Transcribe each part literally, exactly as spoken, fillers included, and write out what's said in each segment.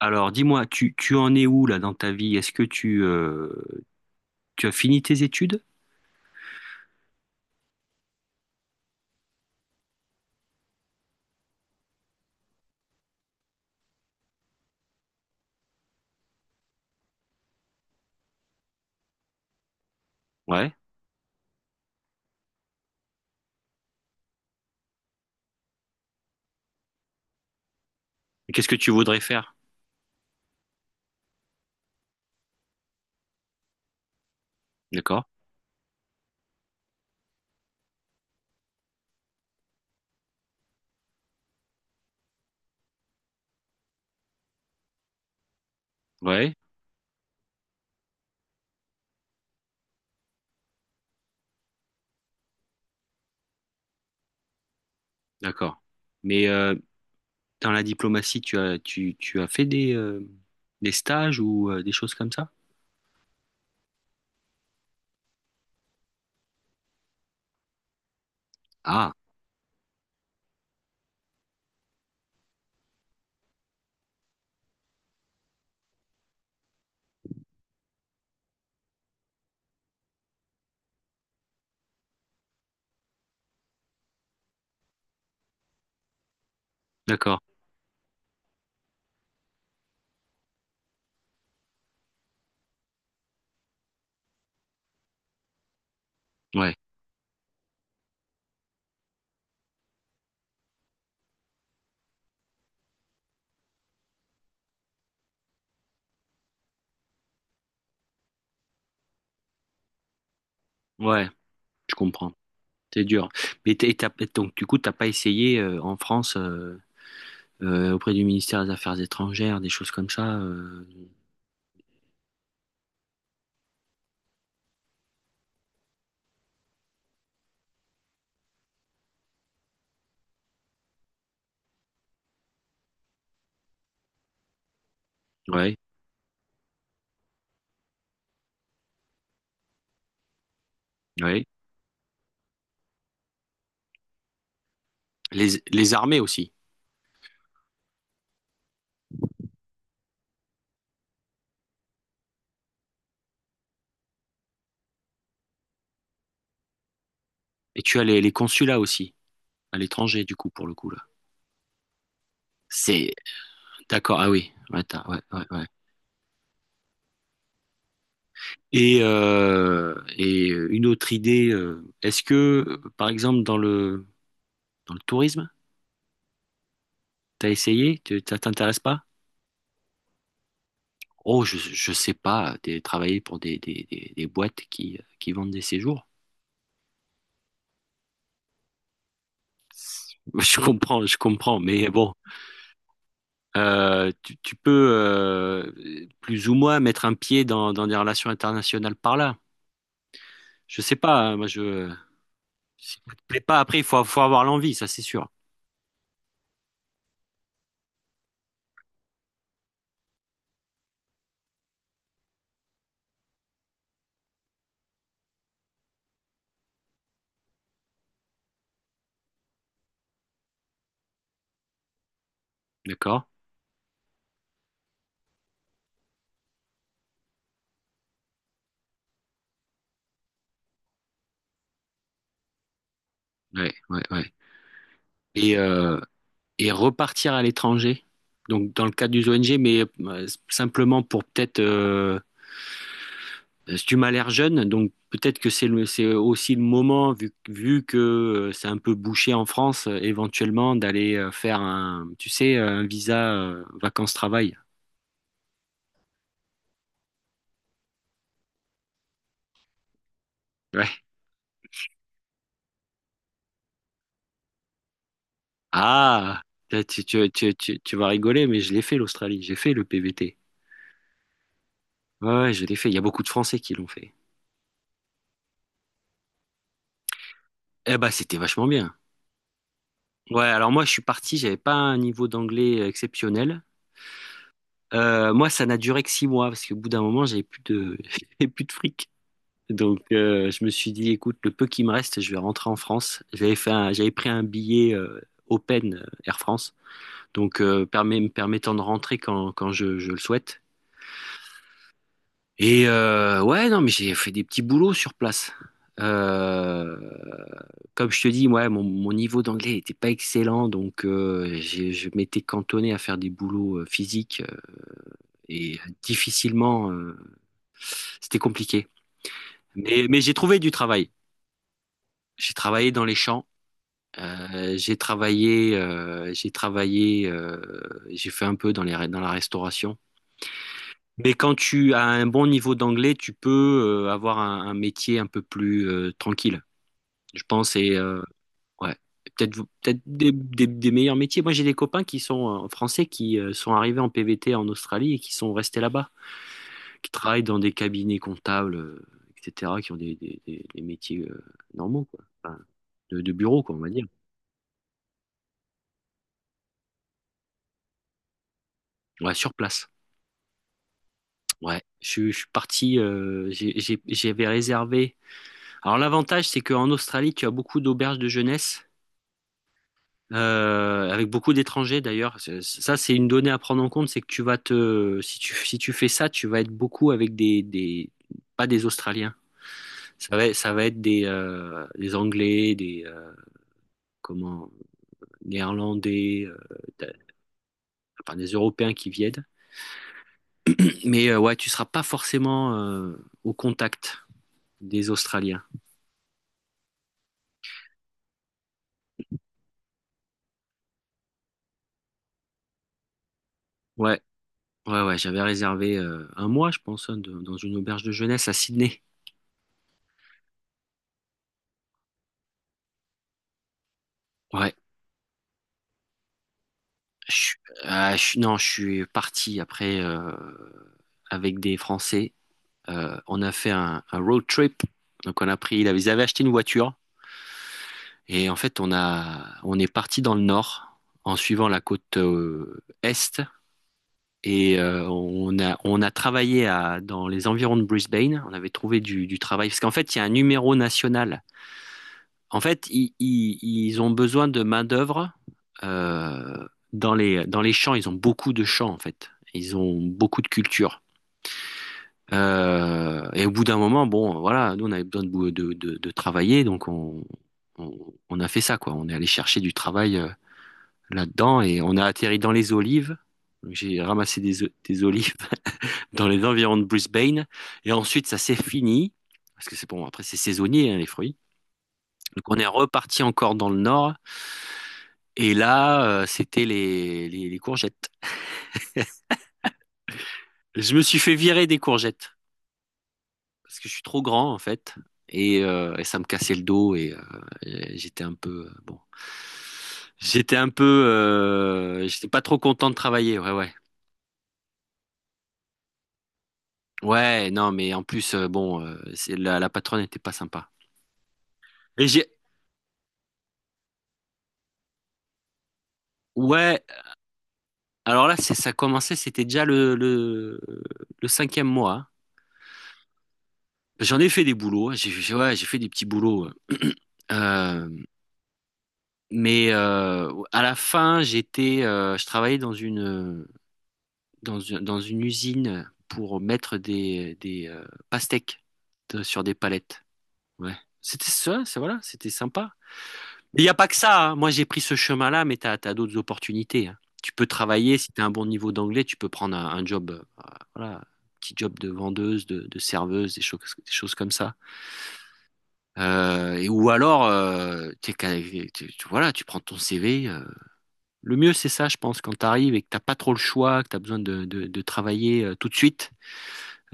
Alors, dis-moi, tu, tu en es où là dans ta vie? Est-ce que tu, euh, tu as fini tes études? Ouais. Et qu'est-ce que tu voudrais faire? D'accord. Ouais. D'accord. Mais euh, dans la diplomatie, tu as, tu, tu as fait des, euh, des stages ou euh, des choses comme ça? Ah, d'accord. Ouais. Ouais, je comprends. C'est dur. Mais t'es- t'as- donc, du coup, t'as pas essayé euh, en France euh, euh, auprès du ministère des Affaires étrangères, des choses comme ça? euh, Ouais. Ouais. Les, les armées aussi. Et tu as les, les consulats aussi à l'étranger, du coup, pour le coup, là. C'est. D'accord, ah oui, ouais, t'as- ouais, ouais, ouais. Et, euh, et une autre idée, euh, est-ce que, par exemple, dans le, dans le tourisme, t'as essayé? Tu- Ça t'intéresse pas? Oh, je, je sais pas, des, travailler pour des, des, des, des boîtes qui, qui vendent des séjours. Je comprends, je comprends, mais bon, Euh, tu, tu peux euh, plus ou moins mettre un pied dans, dans des relations internationales par là. Je sais pas, hein, moi je, si ça te plaît pas, après il faut, faut avoir l'envie, ça c'est sûr. D'accord? Ouais, ouais, ouais. Et, euh, et repartir à l'étranger, donc dans le cadre d'une O N G, mais euh, simplement pour peut-être, euh, si tu m'as l'air jeune, donc peut-être que c'est le, c'est aussi le moment, vu, vu que euh, c'est un peu bouché en France, euh, éventuellement d'aller euh, faire un, tu sais, un visa euh, vacances-travail. Ouais. Ah, tu, tu, tu, tu, tu vas rigoler, mais je l'ai fait l'Australie, j'ai fait le P V T. Ouais, ouais, je l'ai fait. Il y a beaucoup de Français qui l'ont fait. Eh ben, c'était vachement bien. Ouais, alors moi je suis parti, j'avais pas un niveau d'anglais euh, exceptionnel. Euh, moi ça n'a duré que six mois parce qu'au bout d'un moment j'avais plus de j'avais plus de fric. Donc euh, je me suis dit écoute le peu qui me reste je vais rentrer en France. J'avais fait un- j'avais pris un billet euh, Open euh, Air France donc euh, permet, me permettant de rentrer quand quand je, je le souhaite. Et euh, ouais, non, mais j'ai fait des petits boulots sur place. Euh, Comme je te dis, ouais, mon, mon niveau d'anglais n'était pas excellent, donc euh, j'ai- je m'étais cantonné à faire des boulots euh, physiques euh, et difficilement, euh, c'était compliqué. Mais, mais j'ai trouvé du travail. J'ai travaillé dans les champs, euh, j'ai travaillé, euh, j'ai travaillé, euh, j'ai fait un peu dans les, dans la restauration. Mais quand tu as un bon niveau d'anglais, tu peux euh, avoir un, un métier un peu plus euh, tranquille, je pense. Et euh, ouais, peut-être vous- peut-être des, des- des meilleurs métiers. Moi, j'ai des copains qui sont euh, français qui euh, sont arrivés en P V T en Australie et qui sont restés là-bas, qui travaillent dans des cabinets comptables, euh, et cetera, qui ont des, des- des- des métiers euh, normaux, quoi. Enfin, de, de bureau, quoi, on va dire. Ouais, sur place. Ouais, je, suis je suis parti, euh, j'ai- j'ai- j'avais réservé. Alors l'avantage, c'est qu'en Australie, tu as beaucoup d'auberges de jeunesse euh, avec beaucoup d'étrangers d'ailleurs. C'est- Ça, c'est une donnée à prendre en compte, c'est que tu vas te, si tu, si tu fais ça, tu vas être beaucoup avec des, des, pas des Australiens. Ça va, ça va être des, euh, des Anglais, des, euh, comment, Néerlandais, euh, t'as- enfin, des Européens qui viennent. Mais euh, ouais, tu seras pas forcément euh, au contact des Australiens. Ouais, ouais, ouais. J'avais réservé euh, un mois, je pense, hein, de- dans une auberge de jeunesse à Sydney. Ouais. Je, suis- ah, je suis- non, je suis parti après euh, avec des Français. Euh, on a fait un, un road trip. Donc on a pris, ils avaient ils avaient acheté une voiture et en fait on a, on est parti dans le nord en suivant la côte euh, est et euh, on a, on a travaillé à, dans les environs de Brisbane. On avait trouvé du, du travail parce qu'en fait il y a un numéro national. En fait, i- i- ils ont besoin de main-d'œuvre euh, dans les, dans les champs. Ils ont beaucoup de champs, en fait. Ils ont beaucoup de culture. Euh, et au bout d'un moment, bon, voilà, nous, on avait besoin de, bou- de, de- de travailler, donc on, on, on a fait ça, quoi. On est allé chercher du travail euh, là-dedans et on a atterri dans les olives. Donc, j'ai ramassé des, o- des olives dans les environs de Brisbane. Et ensuite, ça s'est fini, parce que c'est bon, après, c'est saisonnier, hein, les fruits. Donc, on est reparti encore dans le nord. Et là, euh, c'était les, les, les courgettes. Je me suis fait virer des courgettes parce que je suis trop grand en fait. Et, euh, et ça me cassait le dos et euh, et j'étais un peu euh, bon. J'étais un peu, euh, j'étais pas trop content de travailler. Ouais, ouais, ouais. Non, mais en plus, euh, bon, euh, c'est- la, la patronne n'était pas sympa. Et j'ai, ouais. Alors là, c'est ça commençait. C'était déjà le le, le cinquième mois. J'en ai fait des boulots. J'ai, j'ai- ouais, j'ai fait des petits boulots. Mais euh, à la fin, j'étais, euh, je travaillais dans une, dans, une- dans une usine pour mettre des, des euh, pastèques de- sur des palettes. Ouais. C'était ça, c'est voilà, c'était sympa. Mais il n'y a pas que ça. hein. Moi, j'ai pris ce chemin-là, mais tu as d'autres opportunités, hein. Tu peux travailler, si tu as un bon niveau d'anglais, tu peux prendre un, un job, euh, voilà, petit job de vendeuse, de, de serveuse, des choses, des choses comme ça. Euh, et, ou alors, euh, t'es qu'à- tu, tu- voilà, tu prends ton C V. Le mieux, c'est ça, je pense, quand tu arrives et que t'as pas trop le choix, que tu as besoin de, de- de travailler euh, tout de suite,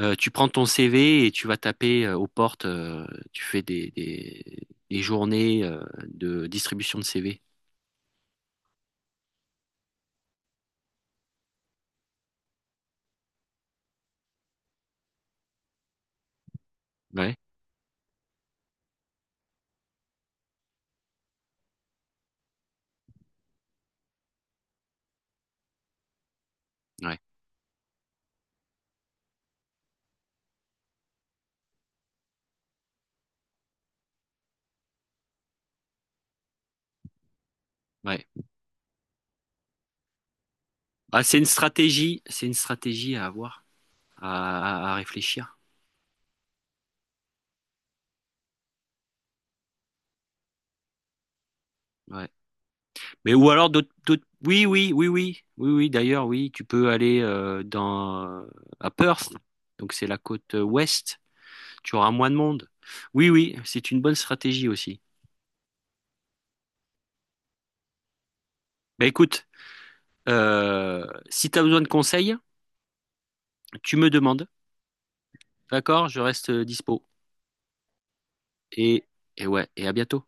euh, tu prends ton C V et tu vas taper euh, aux portes, euh, tu fais des, des, des journées euh, de distribution de C V. Ouais, ouais, ouais. Ah, c'est une stratégie, c'est une stratégie à avoir, à, à- à réfléchir. Ouais. Mais ou alors d'autres, d'autres- oui, oui, oui, oui, oui, oui. D'ailleurs, oui, tu peux aller euh, dans à Perth, donc c'est la côte euh, ouest. Tu auras moins de monde. Oui, oui, c'est une bonne stratégie aussi. Bah écoute, euh, si tu as besoin de conseils, tu me demandes. D'accord? Je reste dispo. Et, et ouais, et à bientôt.